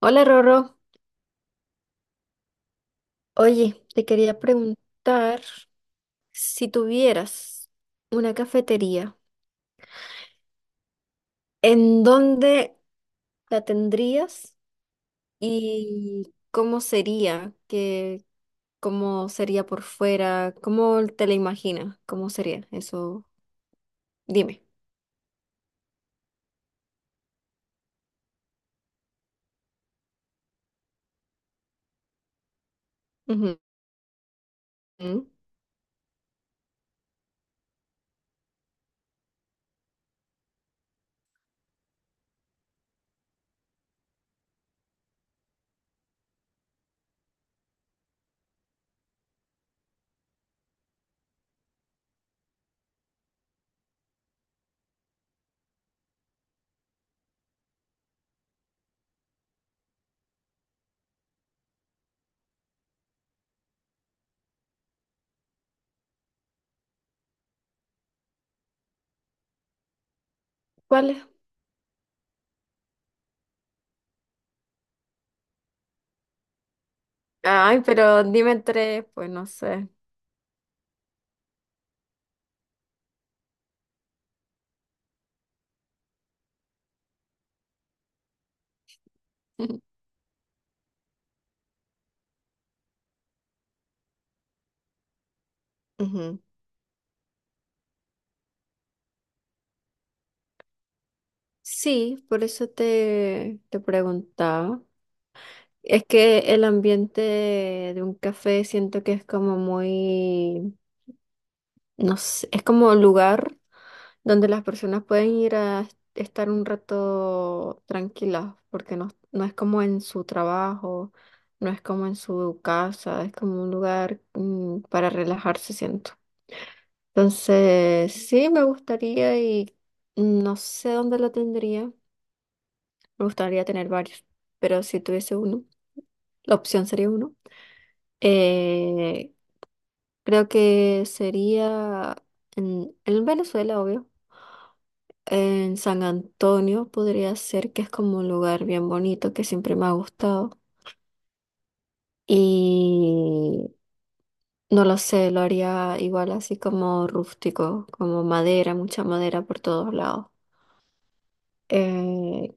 Hola Rorro, oye, te quería preguntar si tuvieras una cafetería, ¿en dónde la tendrías y cómo sería? ¿Qué, cómo sería por fuera? ¿Cómo te la imaginas? ¿Cómo sería eso? Dime. Ujú. Ujú. ¿Cuál es? Ay, pero dime tres, pues no sé. Ujú. Sí, por eso te preguntaba. Es que el ambiente de un café siento que es como muy, no sé, es como lugar donde las personas pueden ir a estar un rato tranquilas, porque no, no es como en su trabajo, no es como en su casa, es como un lugar para relajarse, siento. Entonces, sí, me gustaría y no sé dónde lo tendría. Me gustaría tener varios, pero si tuviese uno, la opción sería uno. Eh, Creo que sería en Venezuela, obvio. En San Antonio podría ser que es como un lugar bien bonito que siempre me ha gustado. Y no lo sé, lo haría igual así como rústico, como madera, mucha madera por todos lados. Eh,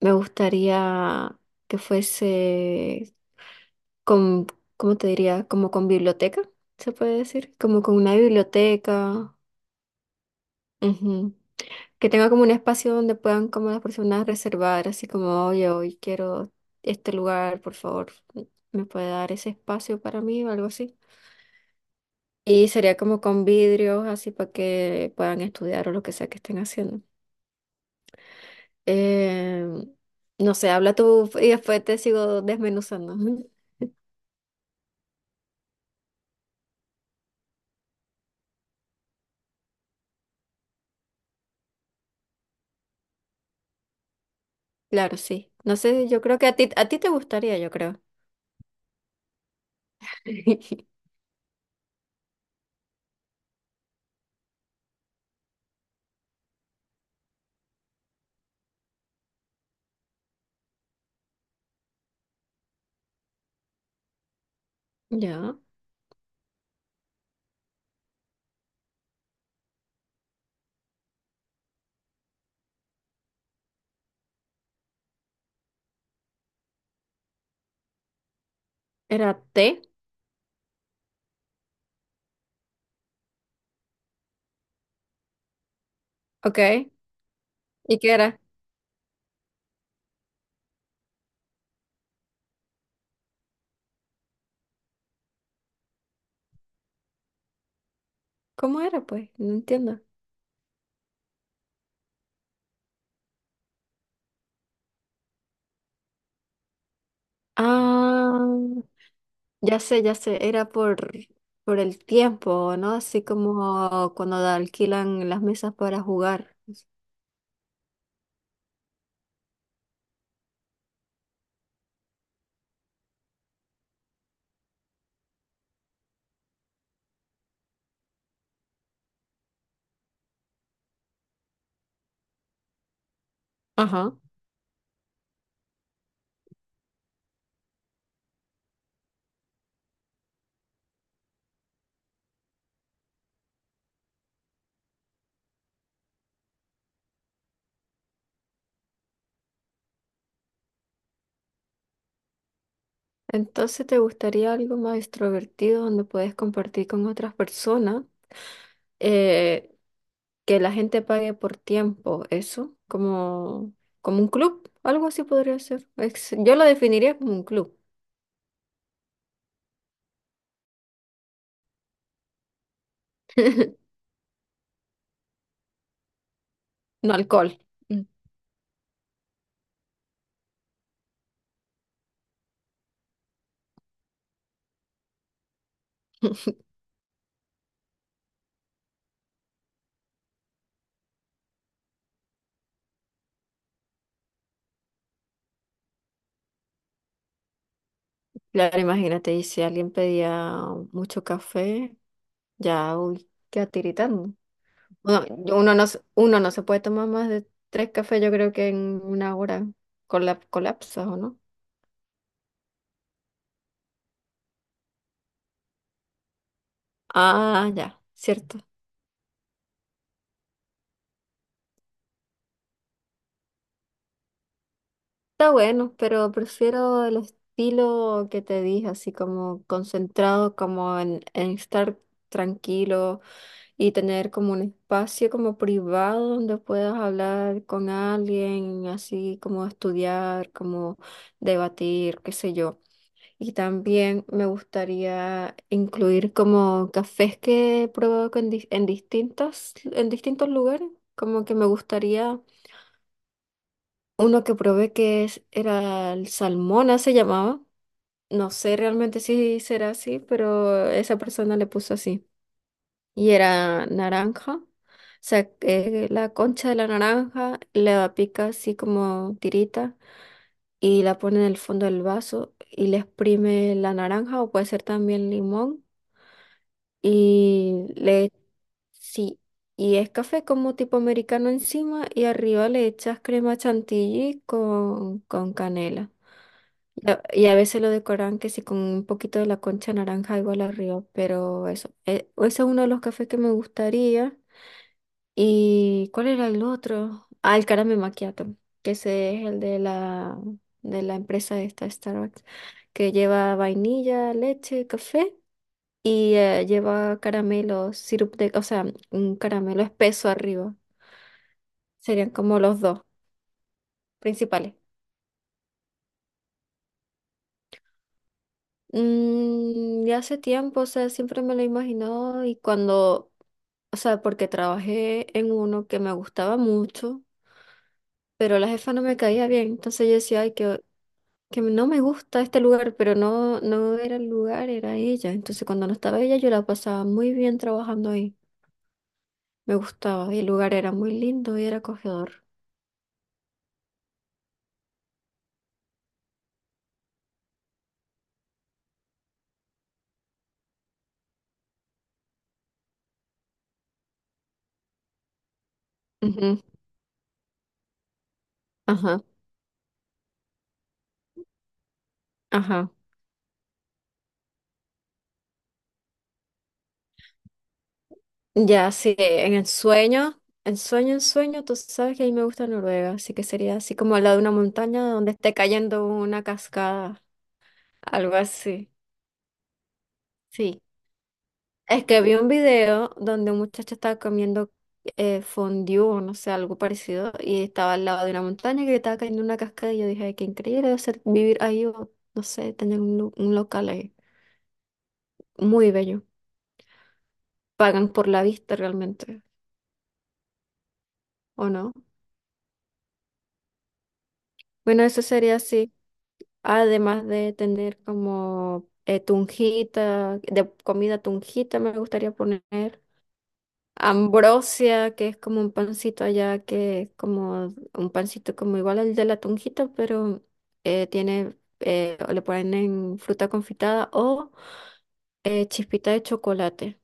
me gustaría que fuese con, ¿cómo te diría? Como con biblioteca, se puede decir. Como con una biblioteca. Ujú. Que tenga como un espacio donde puedan como las personas reservar, así como, oye, hoy quiero este lugar, por favor, ¿me puede dar ese espacio para mí o algo así? Y sería como con vidrios, así para que puedan estudiar o lo que sea que estén haciendo. Eh, no sé, habla tú y después te sigo desmenuzando. Ujú. Claro, sí. No sé, yo creo que a ti te gustaría, yo creo. Ya. Era té, ok. ¿Y qué era? ¿Cómo era, pues? No entiendo. Ah. Ya sé, era por el tiempo, ¿no? Así como cuando alquilan las mesas para jugar. Ajá. Entonces, ¿te gustaría algo más extrovertido donde puedes compartir con otras personas? Eh, que la gente pague por tiempo, eso, como, como un club, algo así podría ser. Yo lo definiría como un club, no alcohol. Mm. Claro, imagínate, y si alguien pedía mucho café, ya, uy, queda tiritando. Bueno, uno no, uno no se puede tomar más de tres cafés, yo creo que en una hora colapsas, ¿o no? Ah, ya, cierto. Está bueno, pero prefiero el estilo que te dije, así como concentrado, como en estar tranquilo y tener como un espacio como privado donde puedas hablar con alguien, así como estudiar, como debatir, qué sé yo. Y también me gustaría incluir como cafés que he probado con en distintas, en distintos lugares. Como que me gustaría uno que probé que era el Salmona, se llamaba. No sé realmente si será así, pero esa persona le puso así. Y era naranja. O sea, la concha de la naranja la pica así como tirita y la pone en el fondo del vaso y le exprime la naranja o puede ser también limón. Y le, sí, y es café como tipo americano encima y arriba le echas crema chantilly con canela. Y a veces lo decoran que sí con un poquito de la concha naranja igual arriba, pero eso, ese es uno de los cafés que me gustaría. ¿Y cuál era el otro? Ah, el Caramel Macchiato, que ese es el de la empresa esta, Starbucks, que lleva vainilla, leche, café y lleva caramelo, sirup de, o sea, un caramelo espeso arriba. Serían como los dos principales. Mm, ya hace tiempo, o sea, siempre me lo he imaginado y cuando, o sea, porque trabajé en uno que me gustaba mucho, pero la jefa no me caía bien, entonces yo decía, ay, que no me gusta este lugar, pero no, no era el lugar, era ella. Entonces cuando no estaba ella, yo la pasaba muy bien trabajando ahí, me gustaba y el lugar era muy lindo y era acogedor. Ujú, ajá, ajá. Ya, sí, en el sueño, en sueño, tú sabes que a mí me gusta Noruega, así que sería así como al lado de una montaña donde esté cayendo una cascada, algo así. Sí. Es que vi un video donde un muchacho estaba comiendo fondue o no sé, algo parecido, y estaba al lado de una montaña que estaba cayendo una cascada, y yo dije, "Ay, qué increíble debe ser vivir ahí o no sé, tener un, un local ahí. Muy bello. Pagan por la vista realmente, ¿o no? Bueno, eso sería así. Además de tener como tunjita, de comida tunjita me gustaría poner. Ambrosia, que es como un pancito allá, que es como un pancito como igual al de la tunjita, pero tiene, le ponen fruta confitada o chispita de chocolate.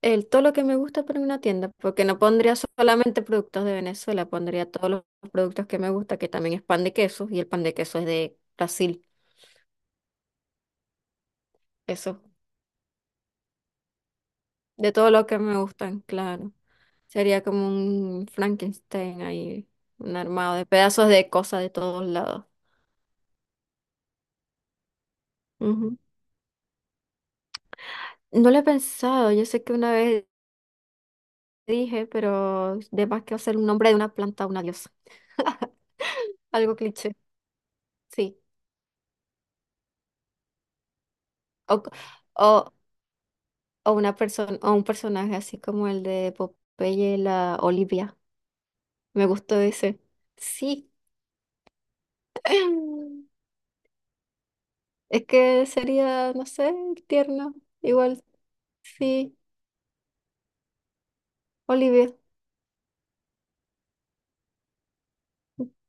El, todo lo que me gusta pero en una tienda, porque no pondría solamente productos de Venezuela, pondría todos los productos que me gusta, que también es pan de queso, y el pan de queso es de Brasil. Eso. De todo lo que me gustan, claro. Sería como un Frankenstein ahí, un armado de pedazos de cosas de todos lados. Ujú. No lo he pensado, yo sé que una vez dije, pero de más que hacer un nombre de una planta una diosa. Algo cliché, sí. O, o, o una persona, o un personaje así como el de Popeye, la Olivia. Me gustó ese. Sí. Es que sería, no sé, tierno. Igual, sí, Olivia.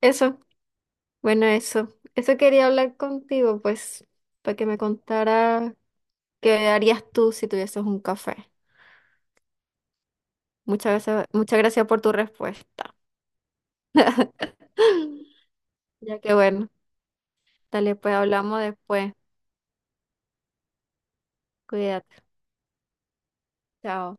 Eso. Bueno, eso. Eso quería hablar contigo, pues, para que me contara qué harías tú si tuvieses un café. Muchas gracias por tu respuesta. Ya que bueno, dale, pues hablamos después. Cuídate. Chao.